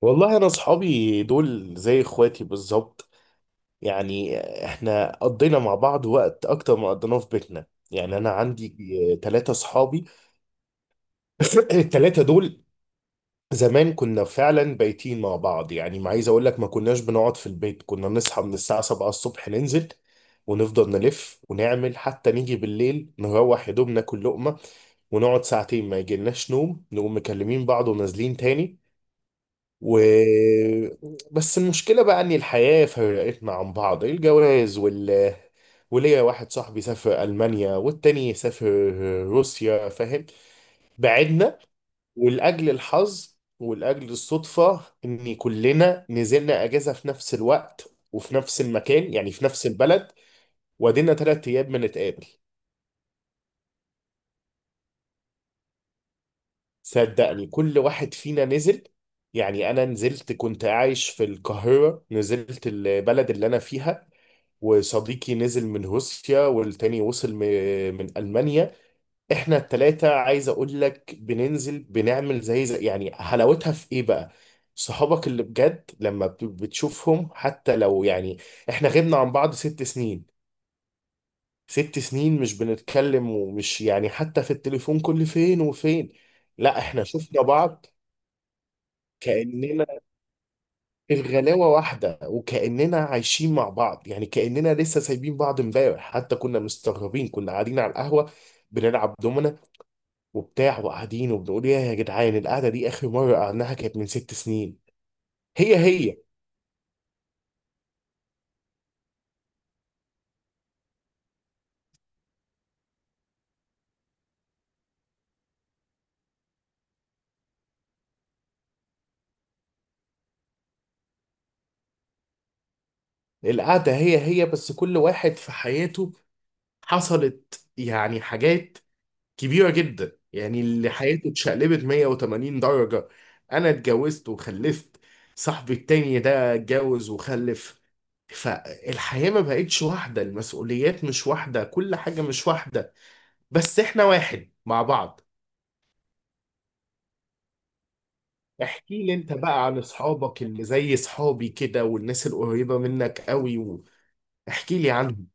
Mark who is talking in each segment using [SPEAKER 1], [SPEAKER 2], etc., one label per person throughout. [SPEAKER 1] والله انا اصحابي دول زي اخواتي بالظبط. يعني احنا قضينا مع بعض وقت اكتر ما قضيناه في بيتنا. يعني انا عندي 3 اصحابي. الثلاثة دول زمان كنا فعلا بايتين مع بعض، يعني ما عايز اقول لك ما كناش بنقعد في البيت. كنا نصحى من الساعة 7 الصبح ننزل ونفضل نلف ونعمل حتى نيجي بالليل، نروح يا دوب ناكل لقمة ونقعد ساعتين. ما يجيلناش نوم نقوم مكلمين بعض ونازلين تاني. و بس المشكلة بقى إن الحياة فرقتنا عن بعض، الجواز وال... وليا واحد صاحبي سافر ألمانيا والتاني سافر روسيا، فاهم؟ بعدنا. ولأجل الحظ ولأجل الصدفة إن كلنا نزلنا أجازة في نفس الوقت وفي نفس المكان، يعني في نفس البلد، وادينا 3 أيام بنتقابل. صدقني كل واحد فينا نزل، يعني أنا نزلت كنت عايش في القاهرة نزلت البلد اللي أنا فيها، وصديقي نزل من روسيا، والتاني وصل من ألمانيا. احنا التلاتة عايز اقول لك بننزل بنعمل زي يعني. حلاوتها في ايه بقى؟ صحابك اللي بجد لما بتشوفهم، حتى لو يعني احنا غبنا عن بعض 6 سنين، 6 سنين مش بنتكلم ومش يعني حتى في التليفون كل فين وفين. لا احنا شفنا بعض. كأننا الغلاوة واحدة، وكأننا عايشين مع بعض، يعني كأننا لسه سايبين بعض امبارح. حتى كنا مستغربين، كنا قاعدين على القهوة بنلعب دومنا وبتاع وقاعدين وبنقول يا جدعان، القعدة دي آخر مرة قعدناها كانت من 6 سنين. هي هي. القعدة هي هي، بس كل واحد في حياته حصلت يعني حاجات كبيرة جدا. يعني اللي حياته اتشقلبت 180 درجة. أنا اتجوزت وخلفت، صاحبي التاني ده اتجوز وخلف. فالحياة ما بقتش واحدة، المسؤوليات مش واحدة، كل حاجة مش واحدة، بس احنا واحد مع بعض. احكي لي انت بقى عن اصحابك اللي زي صحابي كده، والناس القريبة منك قوي، واحكي لي عنهم.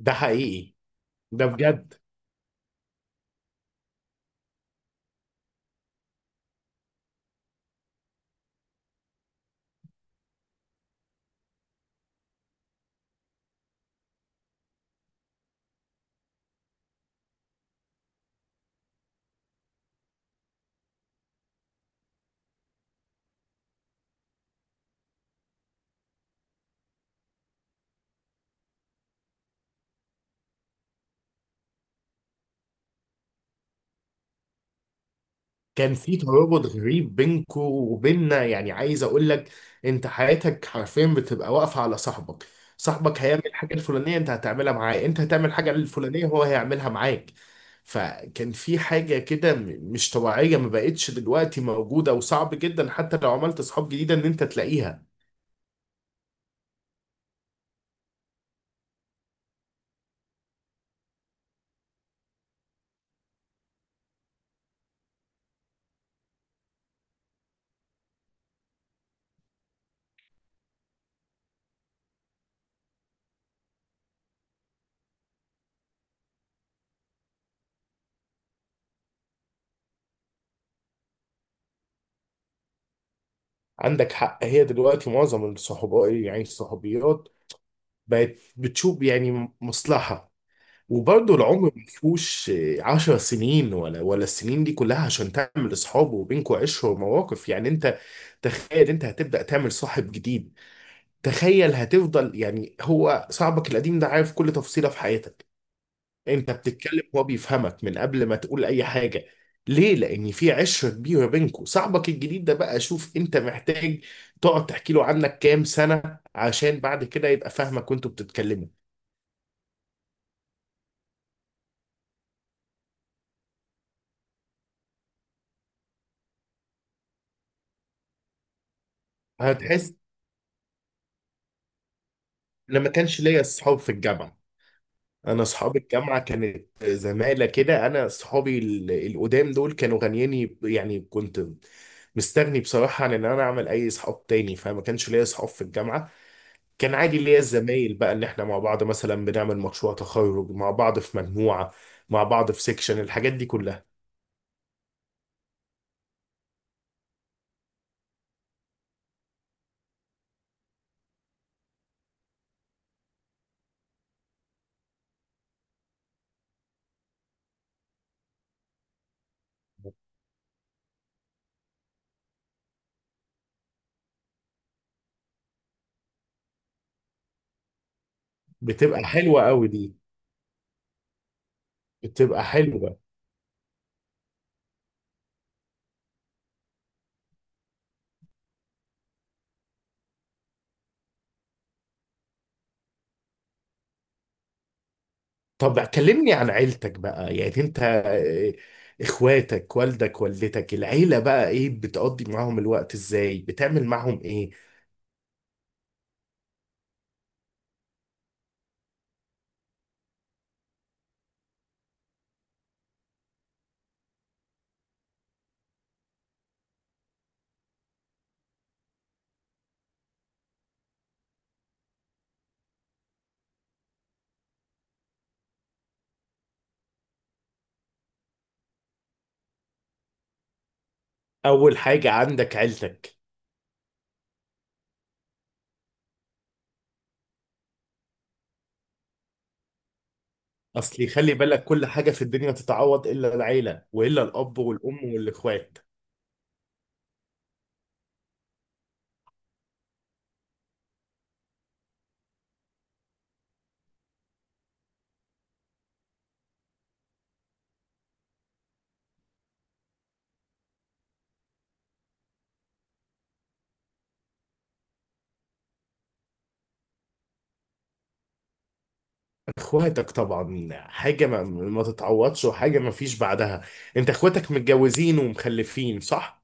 [SPEAKER 1] ده حقيقي، ده بجد. كان في ترابط غريب بينكو وبيننا، يعني عايز اقول لك انت حياتك حرفيا بتبقى واقفه على صاحبك. صاحبك هيعمل الحاجه الفلانيه انت هتعملها معاه، انت هتعمل الحاجه الفلانيه هو هيعملها معاك. فكان في حاجه كده مش طبيعيه، ما بقتش دلوقتي موجوده، وصعب جدا حتى لو عملت صحاب جديده ان انت تلاقيها. عندك حق. هي دلوقتي معظم الصحوبيات يعني الصحوبيات بقت بتشوف يعني مصلحه. وبرضه العمر ما فيهوش 10 سنين ولا السنين دي كلها عشان تعمل اصحاب وبينكوا عشره ومواقف. يعني انت تخيل انت هتبدا تعمل صاحب جديد؟ تخيل هتفضل. يعني هو صاحبك القديم ده عارف كل تفصيله في حياتك، انت بتتكلم هو بيفهمك من قبل ما تقول اي حاجه. ليه؟ لأن في عشرة كبيرة بينكوا. صاحبك الجديد ده بقى شوف أنت محتاج تقعد تحكي له عنك كام سنة عشان بعد كده يبقى فاهمك وأنتوا بتتكلموا، هتحس. أنا ما كانش ليا أصحاب في الجامعة. انا اصحاب الجامعه كانت زمايله كده. انا اصحابي القدام دول كانوا غنياني، يعني كنت مستغني بصراحه عن ان انا اعمل اي اصحاب تاني، فما كانش ليا اصحاب في الجامعه. كان عادي ليا الزمايل بقى ان احنا مع بعض مثلا بنعمل مشروع تخرج مع بعض في مجموعه، مع بعض في سيكشن، الحاجات دي كلها. بتبقى حلوه قوي دي، بتبقى حلوه. طب كلمني عن عيلتك بقى. يعني انت اخواتك، والدك، والدتك، العيلة بقى ايه؟ بتقضي معاهم الوقت ازاي؟ بتعمل معاهم ايه؟ اول حاجة عندك عيلتك. اصلي خلي بالك كل حاجة في الدنيا تتعوض الا العيلة، والا الاب والام والاخوات. اخواتك طبعا حاجة ما تتعوضش وحاجة ما فيش بعدها. انت اخواتك متجوزين ومخلفين صح؟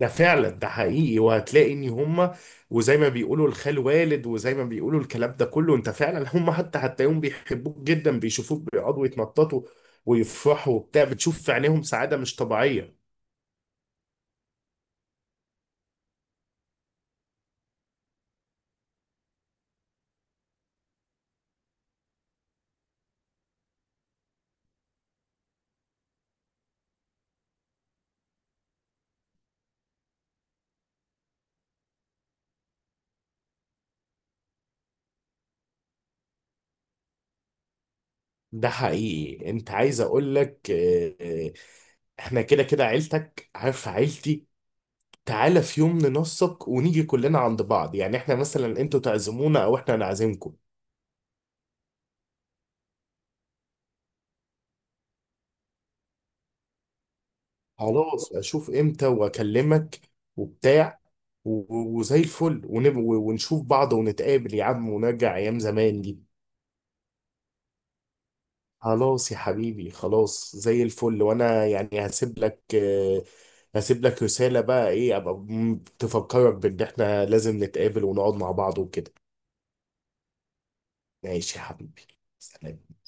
[SPEAKER 1] ده فعلا، ده حقيقي. وهتلاقي ان هم وزي ما بيقولوا الخال والد، وزي ما بيقولوا الكلام ده كله. انت فعلا هم حتى هتلاقيهم بيحبوك جدا، بيشوفوك بيقعدوا يتنططوا ويفرحوا وبتاع، بتشوف في عينيهم سعادة مش طبيعية. ده حقيقي. انت عايز اقول لك احنا كده كده عيلتك عارف عيلتي. تعالى في يوم ننسق ونيجي كلنا عند بعض، يعني احنا مثلا انتوا تعزمونا او احنا نعزمكم. خلاص اشوف امتى واكلمك وبتاع، وزي الفل، ونشوف بعض ونتقابل يا عم ونرجع ايام زمان دي. خلاص يا حبيبي، خلاص زي الفل. وانا يعني هسيب لك هسيب لك رسالة بقى ايه، ابقى تفكرك بان احنا لازم نتقابل ونقعد مع بعض وكده. ماشي يا حبيبي. سلام.